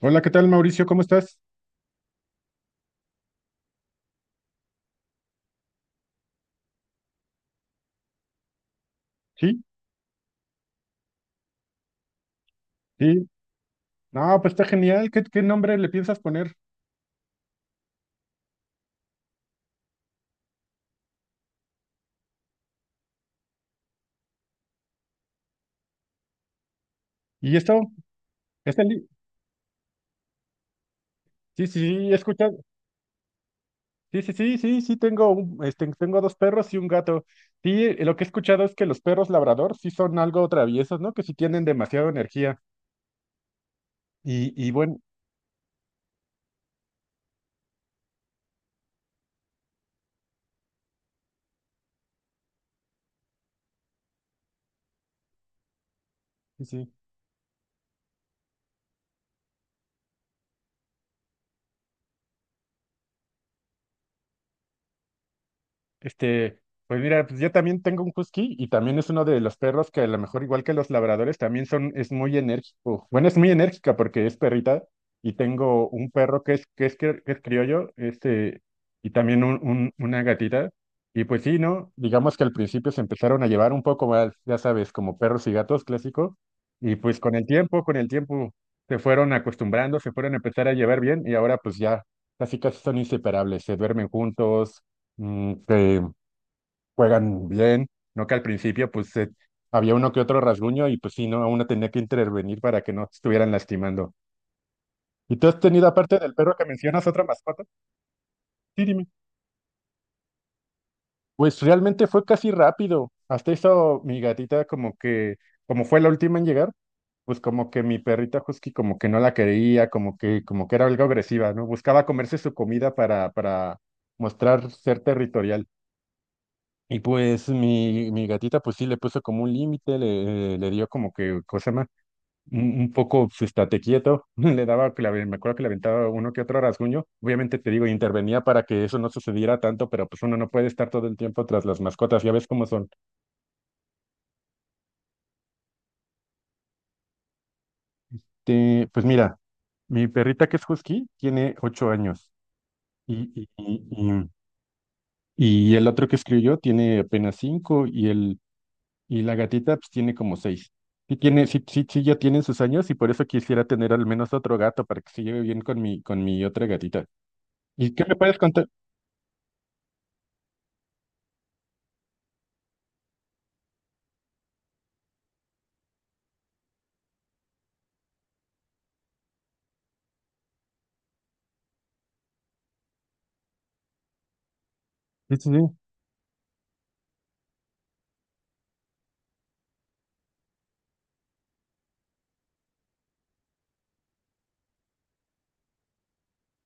Hola, ¿qué tal, Mauricio? ¿Cómo estás? Sí, sí. No, pues está genial. ¿Qué nombre le piensas poner? ¿Y esto? ¿Este li- Sí, sí, sí, he escuchado. Sí, sí, sí, sí, sí, tengo un- tengo dos perros y un gato. Sí, lo que he escuchado es que los perros labrador sí son algo traviesos, ¿no? Que sí tienen demasiada energía. Y bueno, sí, sí. Este, pues mira, pues yo también tengo un husky y también es uno de los perros que a lo mejor igual que los labradores también son, es muy enérgico. Bueno, es muy enérgica porque es perrita y tengo un perro que es, cri- que es criollo, y también un- una gatita. Y pues sí, ¿no? Digamos que al principio se empezaron a llevar un poco mal, ya sabes, como perros y gatos clásico. Y pues con el tiempo se fueron acostumbrando, se fueron a empezar a llevar bien y ahora pues ya casi casi son inseparables, se duermen juntos que juegan bien, ¿no? Que al principio pues se- había uno que otro rasguño y pues sí, ¿no? Uno tenía que intervenir para que no estuvieran lastimando. ¿Y tú has tenido, aparte del perro que mencionas, otra mascota? Sí, dime. Pues realmente fue casi rápido. Hasta eso mi gatita como que, como fue la última en llegar, pues como que mi perrita husky como que no la quería, como que era algo agresiva, ¿no? Buscaba comerse su comida para mostrar ser territorial. Y pues mi gatita pues sí le puso como un límite, le, le dio como que, cosa más, un poco, pues, estate quieto, le daba, que le aven- me acuerdo que le aventaba uno que otro rasguño, obviamente te digo, intervenía para que eso no sucediera tanto, pero pues uno no puede estar todo el tiempo tras las mascotas, ya ves cómo son. Te- pues mira, mi perrita que es husky tiene 8 años y, y, y, y- y el otro que escribió tiene apenas cinco y el, y la gatita pues tiene como seis. Sí tiene, sí, sí, sí ya tiene sus años y por eso quisiera tener al menos otro gato para que se lleve bien con mi otra gatita. ¿Y qué me puedes contar? Sí, sí, sí.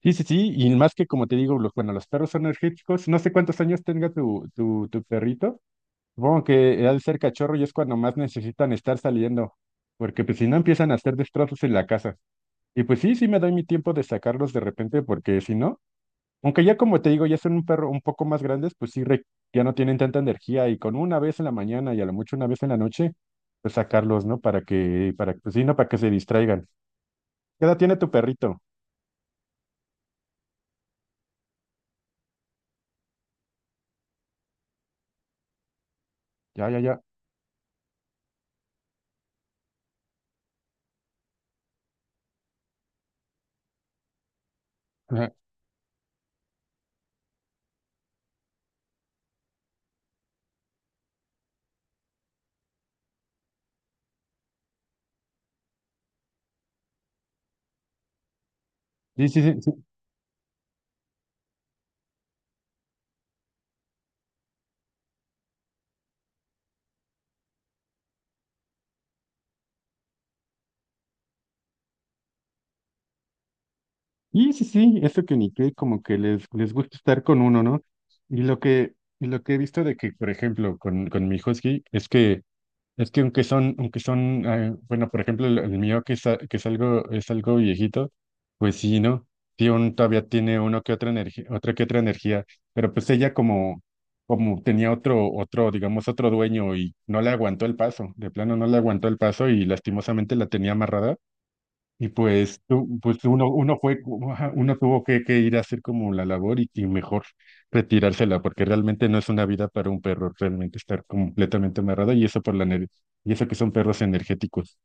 Sí, sí, sí, y más que como te digo, los, bueno, los perros son energéticos. No sé cuántos años tenga tu perrito. Supongo que al ser cachorro y es cuando más necesitan estar saliendo, porque pues si no empiezan a hacer destrozos en la casa. Y pues sí, sí me doy mi tiempo de sacarlos de repente, porque si no... Aunque ya como te digo, ya son un perro un poco más grandes, pues sí, re- ya no tienen tanta energía y con una vez en la mañana y a lo mucho una vez en la noche, pues sacarlos, ¿no? Para que, para, pues sí, no, para que se distraigan. ¿Qué edad tiene tu perrito? Ya, ya, ya. Ajá. Sí, sí, sí, sí. Y sí, sí, eso que ni que como que les gusta estar con uno, ¿no? Y lo que, y lo que he visto de que, por ejemplo, con mi husky, es que es que aunque son, bueno, por ejemplo, el mío que es, a- que es algo viejito, pues sí, ¿no? Sí, aún todavía tiene uno que otra energía, otra que otra energía, pero pues ella como, como tenía otro, digamos, otro dueño y no le aguantó el paso, de plano no le aguantó el paso y lastimosamente la tenía amarrada. Y pues, tú- pues uno, uno fue, como, ajá, uno tuvo que ir a hacer como la labor y mejor retirársela, porque realmente no es una vida para un perro, realmente estar completamente amarrado y eso por la ener- y eso que son perros energéticos.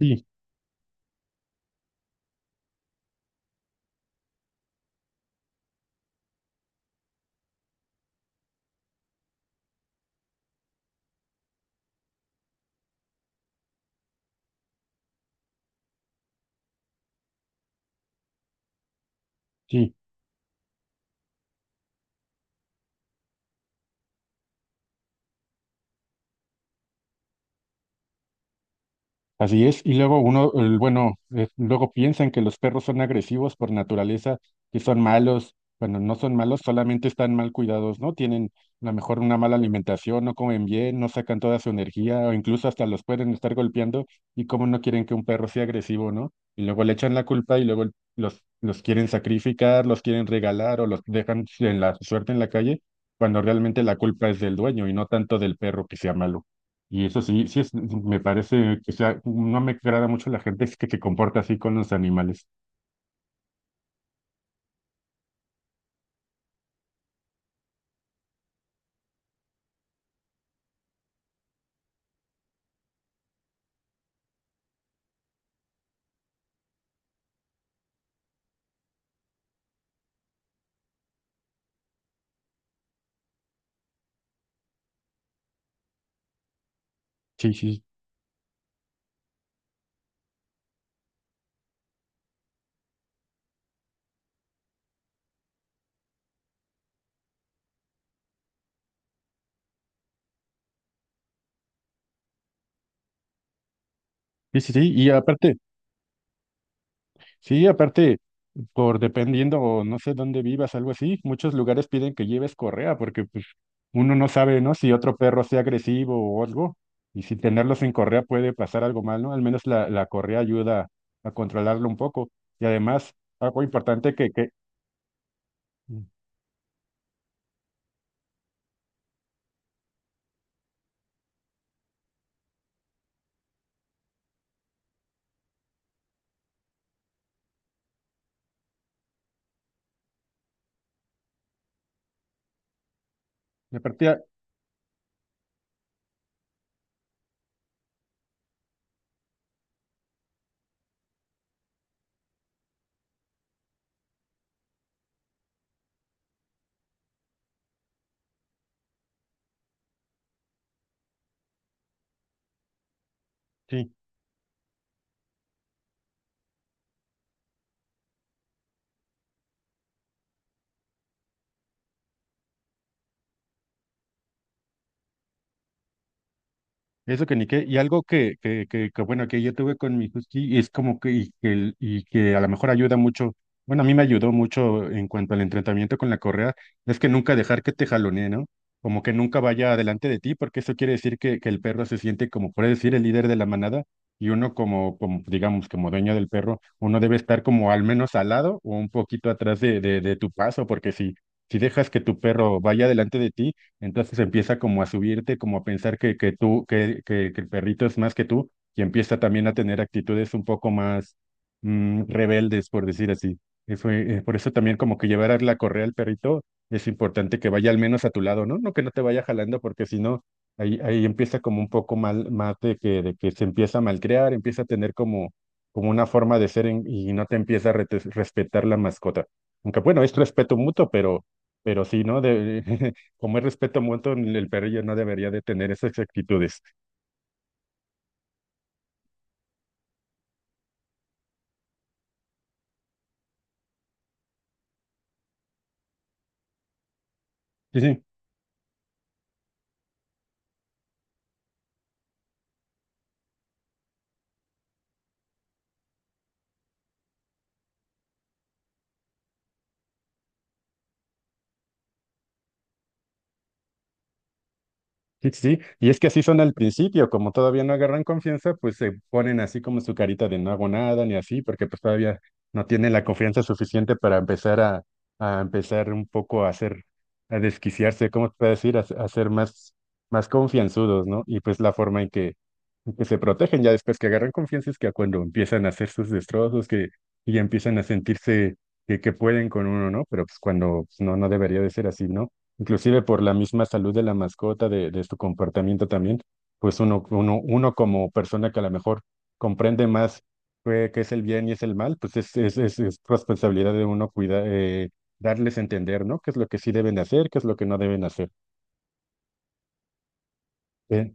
Sí, sí. Así es, y luego uno, el- bueno, luego piensan que los perros son agresivos por naturaleza, que son malos, bueno no son malos, solamente están mal cuidados, ¿no? Tienen a lo mejor una mala alimentación, no comen bien, no sacan toda su energía, o incluso hasta los pueden estar golpeando, y cómo no quieren que un perro sea agresivo, ¿no? Y luego le echan la culpa y luego el- los quieren sacrificar, los quieren regalar o los dejan en la suerte en la calle, cuando realmente la culpa es del dueño y no tanto del perro que sea malo. Y eso sí, sí es, me parece que sea, no me agrada mucho la gente que se comporta así con los animales. Sí, sí, sí, sí, sí. Y aparte, sí, aparte, por dependiendo o no sé dónde vivas, algo así, muchos lugares piden que lleves correa porque pues uno no sabe, ¿no? Si otro perro sea agresivo o algo. Y si tenerlo sin correa puede pasar algo mal, ¿no? Al menos la correa ayuda a controlarlo un poco. Y además, algo importante y aparte, sí, eso que ni qué, y algo bueno, que yo tuve con mi husky, y es como que, y que, el- y que a lo mejor ayuda mucho, bueno, a mí me ayudó mucho en cuanto al entrenamiento con la correa, es que nunca dejar que te jalonee, ¿no? Como que nunca vaya adelante de ti, porque eso quiere decir que el perro se siente como, puede decir, el líder de la manada, y uno como, como, digamos, como dueño del perro, uno debe estar como al menos al lado o un poquito atrás de tu paso, porque si, si dejas que tu perro vaya adelante de ti, entonces empieza como a subirte, como a pensar que, que el perrito es más que tú, y empieza también a tener actitudes un poco más rebeldes, por decir así. Y fue, por eso también como que llevar a la correa al perrito es importante que vaya al menos a tu lado, ¿no? No que no te vaya jalando, porque si no, ahí empieza como un poco mal, más de de que se empieza a malcriar, empieza a tener como, como una forma de ser en- y no te empieza a rete- respetar la mascota. Aunque bueno, es respeto mutuo, pero... Pero sí, ¿no? De, como es respeto mutuo, el perro ya no debería de tener esas actitudes. Sí, sí. Sí, sí, sí. Y es que así son al principio, como todavía no agarran confianza, pues se ponen así como su carita de no hago nada ni así, porque pues todavía no tienen la confianza suficiente para empezar a empezar un poco a hacer, a desquiciarse, ¿cómo te puedo decir? A, se- a ser más, más confianzudos, ¿no? Y pues la forma en en que se protegen ya después que agarran confianza es que cuando empiezan a hacer sus destrozos, que y ya empiezan a sentirse que pueden con uno, ¿no? Pero pues cuando pues, no, no debería de ser así, ¿no? Inclusive por la misma salud de la mascota, de su comportamiento también, pues uno, uno, uno como persona que a lo mejor comprende más qué es el bien y es el mal, pues es, es responsabilidad de uno cuidar, darles a entender, ¿no? ¿Qué es lo que sí deben hacer, qué es lo que no deben hacer? Eh,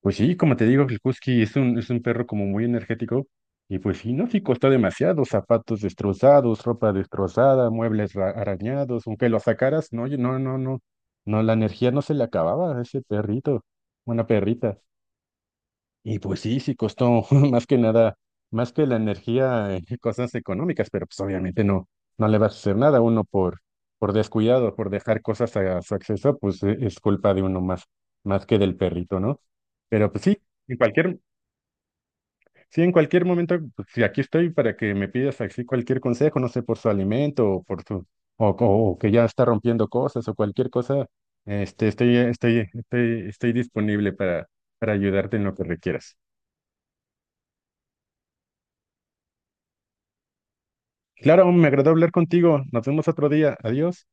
Pues sí, como te digo, el Husky es un perro como muy energético y pues sí, no, sí costó demasiado, zapatos destrozados, ropa destrozada, muebles ra- arañados, aunque lo sacaras, no, yo- no, no, no, no, la energía no se le acababa a ese perrito, una perrita. Y pues sí, sí costó más que nada, más que la energía, cosas económicas, pero pues obviamente no, no le vas a hacer nada uno por descuidado, por dejar cosas a su acceso, pues es culpa de uno más, más que del perrito, ¿no? Pero pues en cualquier, sí, en cualquier momento, pues, sí, aquí estoy para que me pidas así cualquier consejo, no sé, por su alimento o por su, o que ya está rompiendo cosas o cualquier cosa, estoy disponible para ayudarte en lo que requieras. Claro, me agradó hablar contigo. Nos vemos otro día. Adiós.